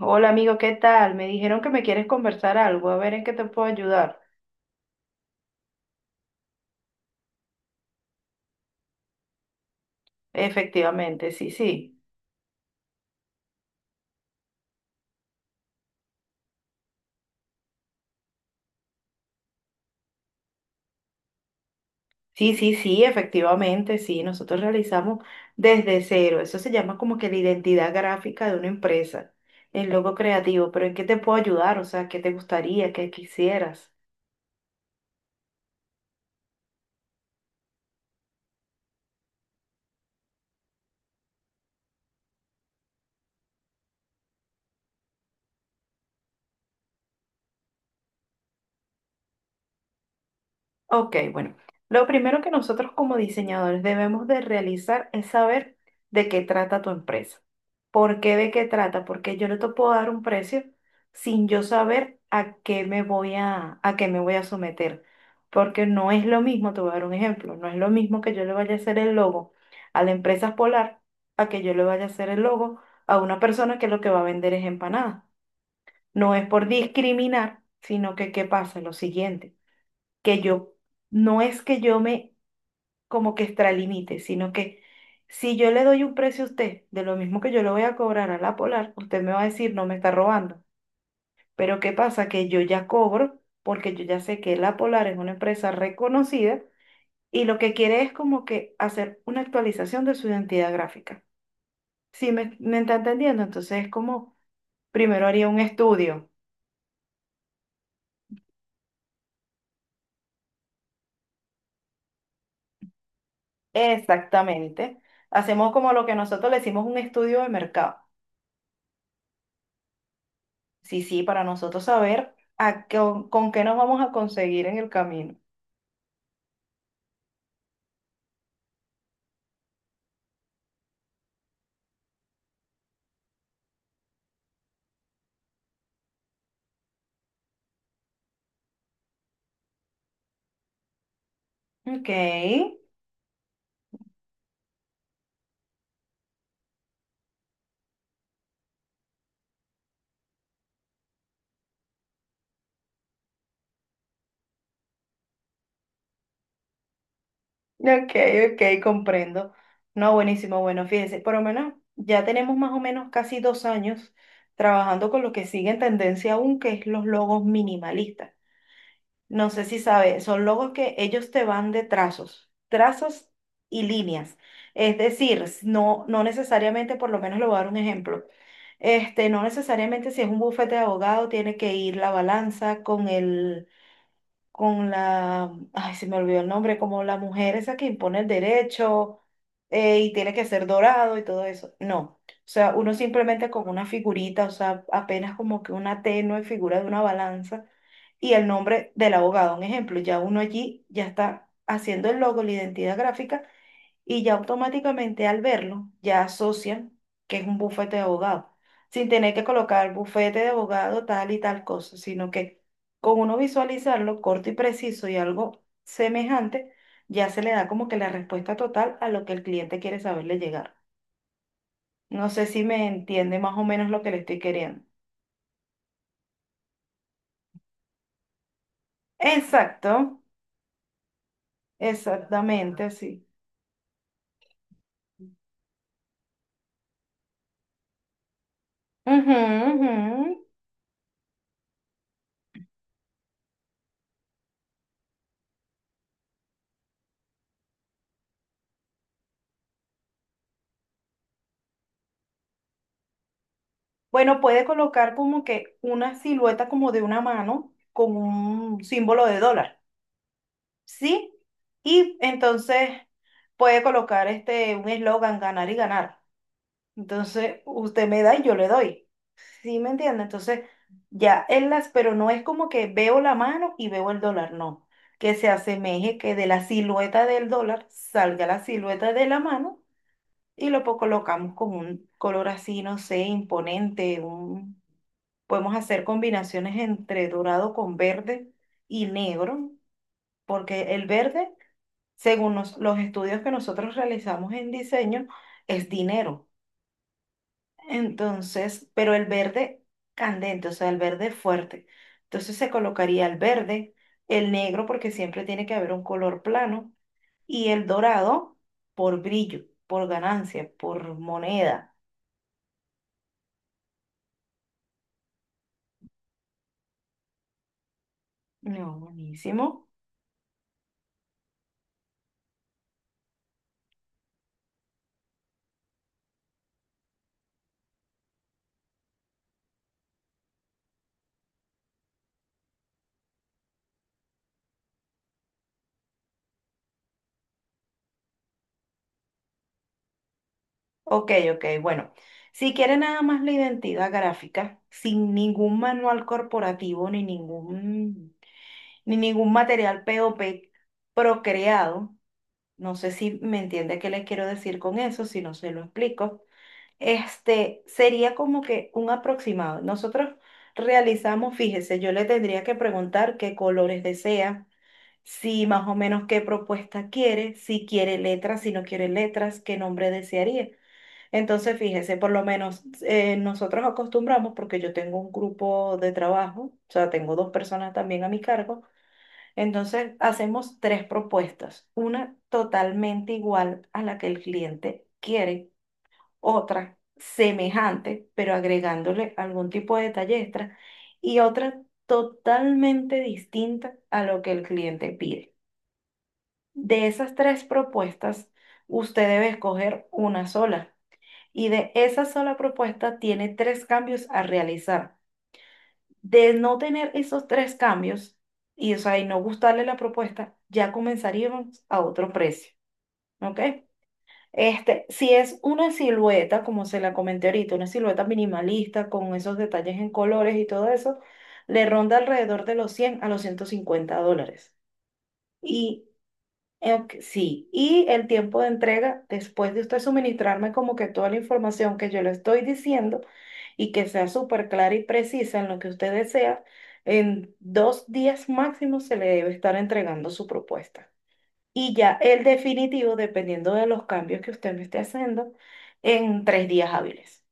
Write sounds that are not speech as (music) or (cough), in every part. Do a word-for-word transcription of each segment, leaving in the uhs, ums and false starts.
Hola amigo, ¿qué tal? Me dijeron que me quieres conversar algo, a ver en qué te puedo ayudar. Efectivamente, sí, sí. Sí, sí, sí, efectivamente, sí. Nosotros realizamos desde cero. Eso se llama como que la identidad gráfica de una empresa, el logo creativo. Pero ¿en qué te puedo ayudar? O sea, ¿qué te gustaría? ¿Qué quisieras? Ok, bueno, lo primero que nosotros como diseñadores debemos de realizar es saber de qué trata tu empresa. ¿Por qué de qué trata? Porque yo no te puedo dar un precio sin yo saber a qué me voy a, a qué me voy a someter. Porque no es lo mismo, te voy a dar un ejemplo, no es lo mismo que yo le vaya a hacer el logo a la empresa Polar a que yo le vaya a hacer el logo a una persona que lo que va a vender es empanadas. No es por discriminar, sino que qué pasa, lo siguiente que yo, no es que yo me como que extralimite, sino que si yo le doy un precio a usted de lo mismo que yo le voy a cobrar a la Polar, usted me va a decir, no me está robando. Pero ¿qué pasa? Que yo ya cobro porque yo ya sé que la Polar es una empresa reconocida y lo que quiere es como que hacer una actualización de su identidad gráfica. ¿Si me, me está entendiendo? Entonces es como, primero haría un estudio. Exactamente. Hacemos como lo que nosotros le decimos un estudio de mercado. Sí, sí, para nosotros saber a qué, con qué nos vamos a conseguir en el camino. Ok, ok, ok, comprendo. No, buenísimo, bueno, fíjese, por lo menos ya tenemos más o menos casi dos años trabajando con lo que sigue en tendencia aún, que es los logos minimalistas. No sé si sabe, son logos que ellos te van de trazos, trazos y líneas. Es decir, s- no, no necesariamente, por lo menos le voy a dar un ejemplo. Este, no necesariamente si es un bufete de abogado, tiene que ir la balanza con el, con la, ay, se me olvidó el nombre, como la mujer esa que impone el derecho, eh, y tiene que ser dorado y todo eso. No, o sea, uno simplemente con una figurita, o sea, apenas como que una tenue figura de una balanza y el nombre del abogado, un ejemplo, ya uno allí ya está haciendo el logo, la identidad gráfica y ya automáticamente al verlo ya asocian que es un bufete de abogado, sin tener que colocar bufete de abogado tal y tal cosa, sino que con uno visualizarlo corto y preciso y algo semejante, ya se le da como que la respuesta total a lo que el cliente quiere saberle llegar. No sé si me entiende más o menos lo que le estoy queriendo. Exacto, exactamente así. Ujú, ujú. Bueno, puede colocar como que una silueta como de una mano con un símbolo de dólar, ¿sí? Y entonces puede colocar este un eslogan, ganar y ganar. Entonces, usted me da y yo le doy. ¿Sí me entiende? Entonces, ya él las, pero no es como que veo la mano y veo el dólar, no. Que se asemeje que de la silueta del dólar salga la silueta de la mano y lo po- colocamos con un color así, no sé, imponente, un. Podemos hacer combinaciones entre dorado con verde y negro, porque el verde, según nos- los estudios que nosotros realizamos en diseño, es dinero. Entonces, pero el verde candente, o sea, el verde fuerte. Entonces se colocaría el verde, el negro, porque siempre tiene que haber un color plano, y el dorado por brillo, por ganancia, por moneda. No, buenísimo. Ok, ok, bueno. Si quiere nada más la identidad gráfica, sin ningún manual corporativo ni ningún, ni ningún material P O P procreado, no sé si me entiende qué le quiero decir con eso, si no se lo explico, este sería como que un aproximado. Nosotros realizamos, fíjese, yo le tendría que preguntar qué colores desea, si más o menos qué propuesta quiere, si quiere letras, si no quiere letras, qué nombre desearía. Entonces, fíjese, por lo menos eh, nosotros acostumbramos, porque yo tengo un grupo de trabajo, o sea, tengo dos personas también a mi cargo, entonces hacemos tres propuestas, una totalmente igual a la que el cliente quiere, otra semejante, pero agregándole algún tipo de detalle extra, y otra totalmente distinta a lo que el cliente pide. De esas tres propuestas, usted debe escoger una sola. Y de esa sola propuesta tiene tres cambios a realizar. De no tener esos tres cambios y, o sea, y no gustarle la propuesta, ya comenzaríamos a otro precio. ¿Ok? Este, si es una silueta, como se la comenté ahorita, una silueta minimalista con esos detalles en colores y todo eso, le ronda alrededor de los cien a los ciento cincuenta dólares. Y, ok. Sí, y el tiempo de entrega, después de usted suministrarme como que toda la información que yo le estoy diciendo y que sea súper clara y precisa en lo que usted desea, en dos días máximo se le debe estar entregando su propuesta. Y ya el definitivo, dependiendo de los cambios que usted me esté haciendo, en tres días hábiles.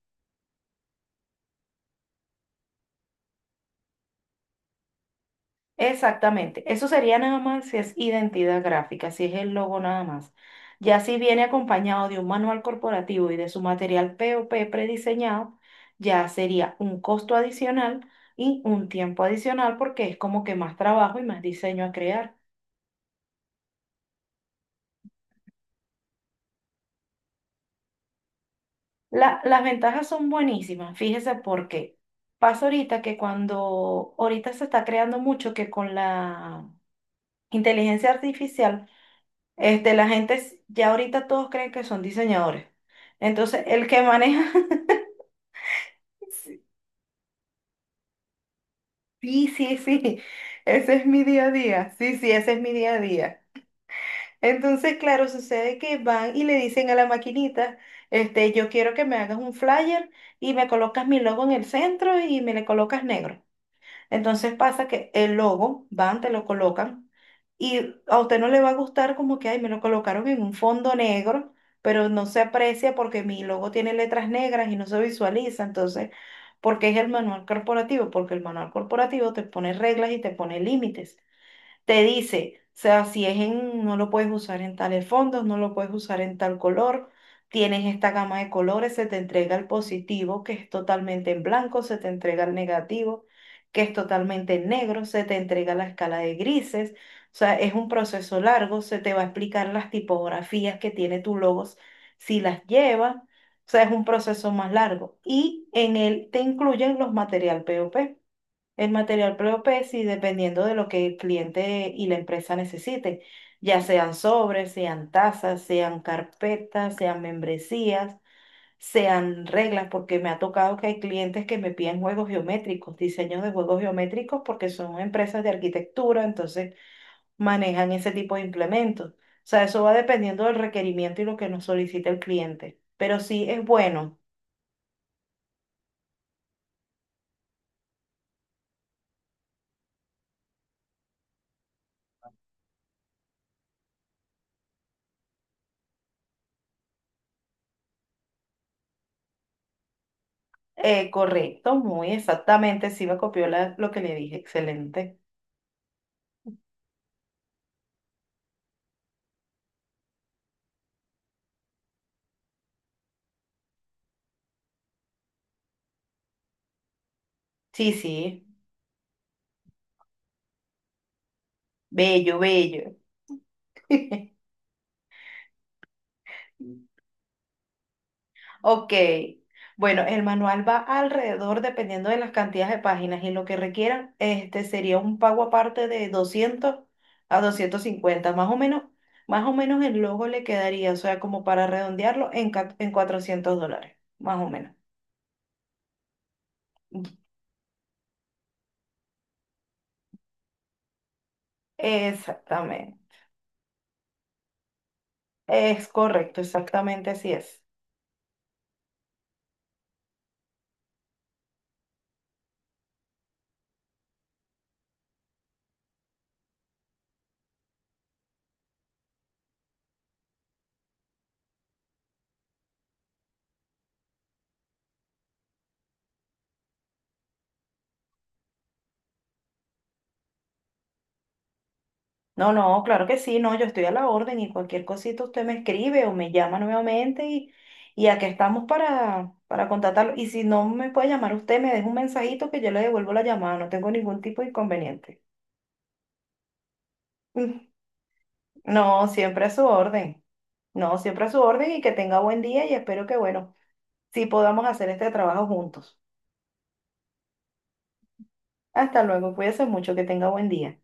Exactamente, eso sería nada más si es identidad gráfica, si es el logo nada más. Ya si viene acompañado de un manual corporativo y de su material P O P prediseñado, ya sería un costo adicional y un tiempo adicional porque es como que más trabajo y más diseño a crear. La- las ventajas son buenísimas, fíjese por qué. Pasa ahorita que cuando ahorita se está creando mucho que con la inteligencia artificial. Este, la gente s- ya ahorita todos creen que son diseñadores. Entonces, el que maneja, (laughs) sí, sí, sí, ese es mi día a día. Sí, sí, ese es mi día a día. Entonces, claro, sucede que van y le dicen a la maquinita, este, yo quiero que me hagas un flyer y me colocas mi logo en el centro y me le colocas negro. Entonces pasa que el logo, van, te lo colocan y a usted no le va a gustar como que, ay, me lo colocaron en un fondo negro, pero no se aprecia porque mi logo tiene letras negras y no se visualiza. Entonces, ¿porque es el manual corporativo? Porque el manual corporativo te pone reglas y te pone límites, te dice, o sea, si es en, no lo puedes usar en tales fondos, no lo puedes usar en tal color, tienes esta gama de colores, se te entrega el positivo, que es totalmente en blanco, se te entrega el negativo, que es totalmente en negro, se te entrega la escala de grises, o sea, es un proceso largo, se te va a explicar las tipografías que tiene tu logos, si las lleva, o sea, es un proceso más largo. Y en él te incluyen los material P O P. El material propio, sí, dependiendo de lo que el cliente y la empresa necesiten, ya sean sobres, sean tazas, sean carpetas, sean membresías, sean reglas, porque me ha tocado que hay clientes que me piden juegos geométricos, diseños de juegos geométricos, porque son empresas de arquitectura, entonces manejan ese tipo de implementos. O sea, eso va dependiendo del requerimiento y lo que nos solicite el cliente. Pero sí es bueno, eh, correcto, muy exactamente, sí me copió la- lo que le dije, excelente. Sí, sí, bello, bello. (laughs) Ok, bueno, el manual va alrededor, dependiendo de las cantidades de páginas y lo que requieran, este sería un pago aparte de doscientos a doscientos cincuenta, más o menos, más o menos el logo le quedaría, o sea, como para redondearlo en, ca- en cuatrocientos dólares, más o menos. Exactamente, es correcto, exactamente así es. No, no, claro que sí, no, yo estoy a la orden y cualquier cosita usted me escribe o me llama nuevamente y, y aquí estamos para, para contactarlo. Y si no me puede llamar usted, me deja un mensajito que yo le devuelvo la llamada, no tengo ningún tipo de inconveniente. (laughs) Mm, no, siempre a su orden, no, siempre a su orden y que tenga buen día y espero que, bueno, sí podamos hacer este trabajo juntos. Hasta luego, cuídese mucho, que tenga buen día.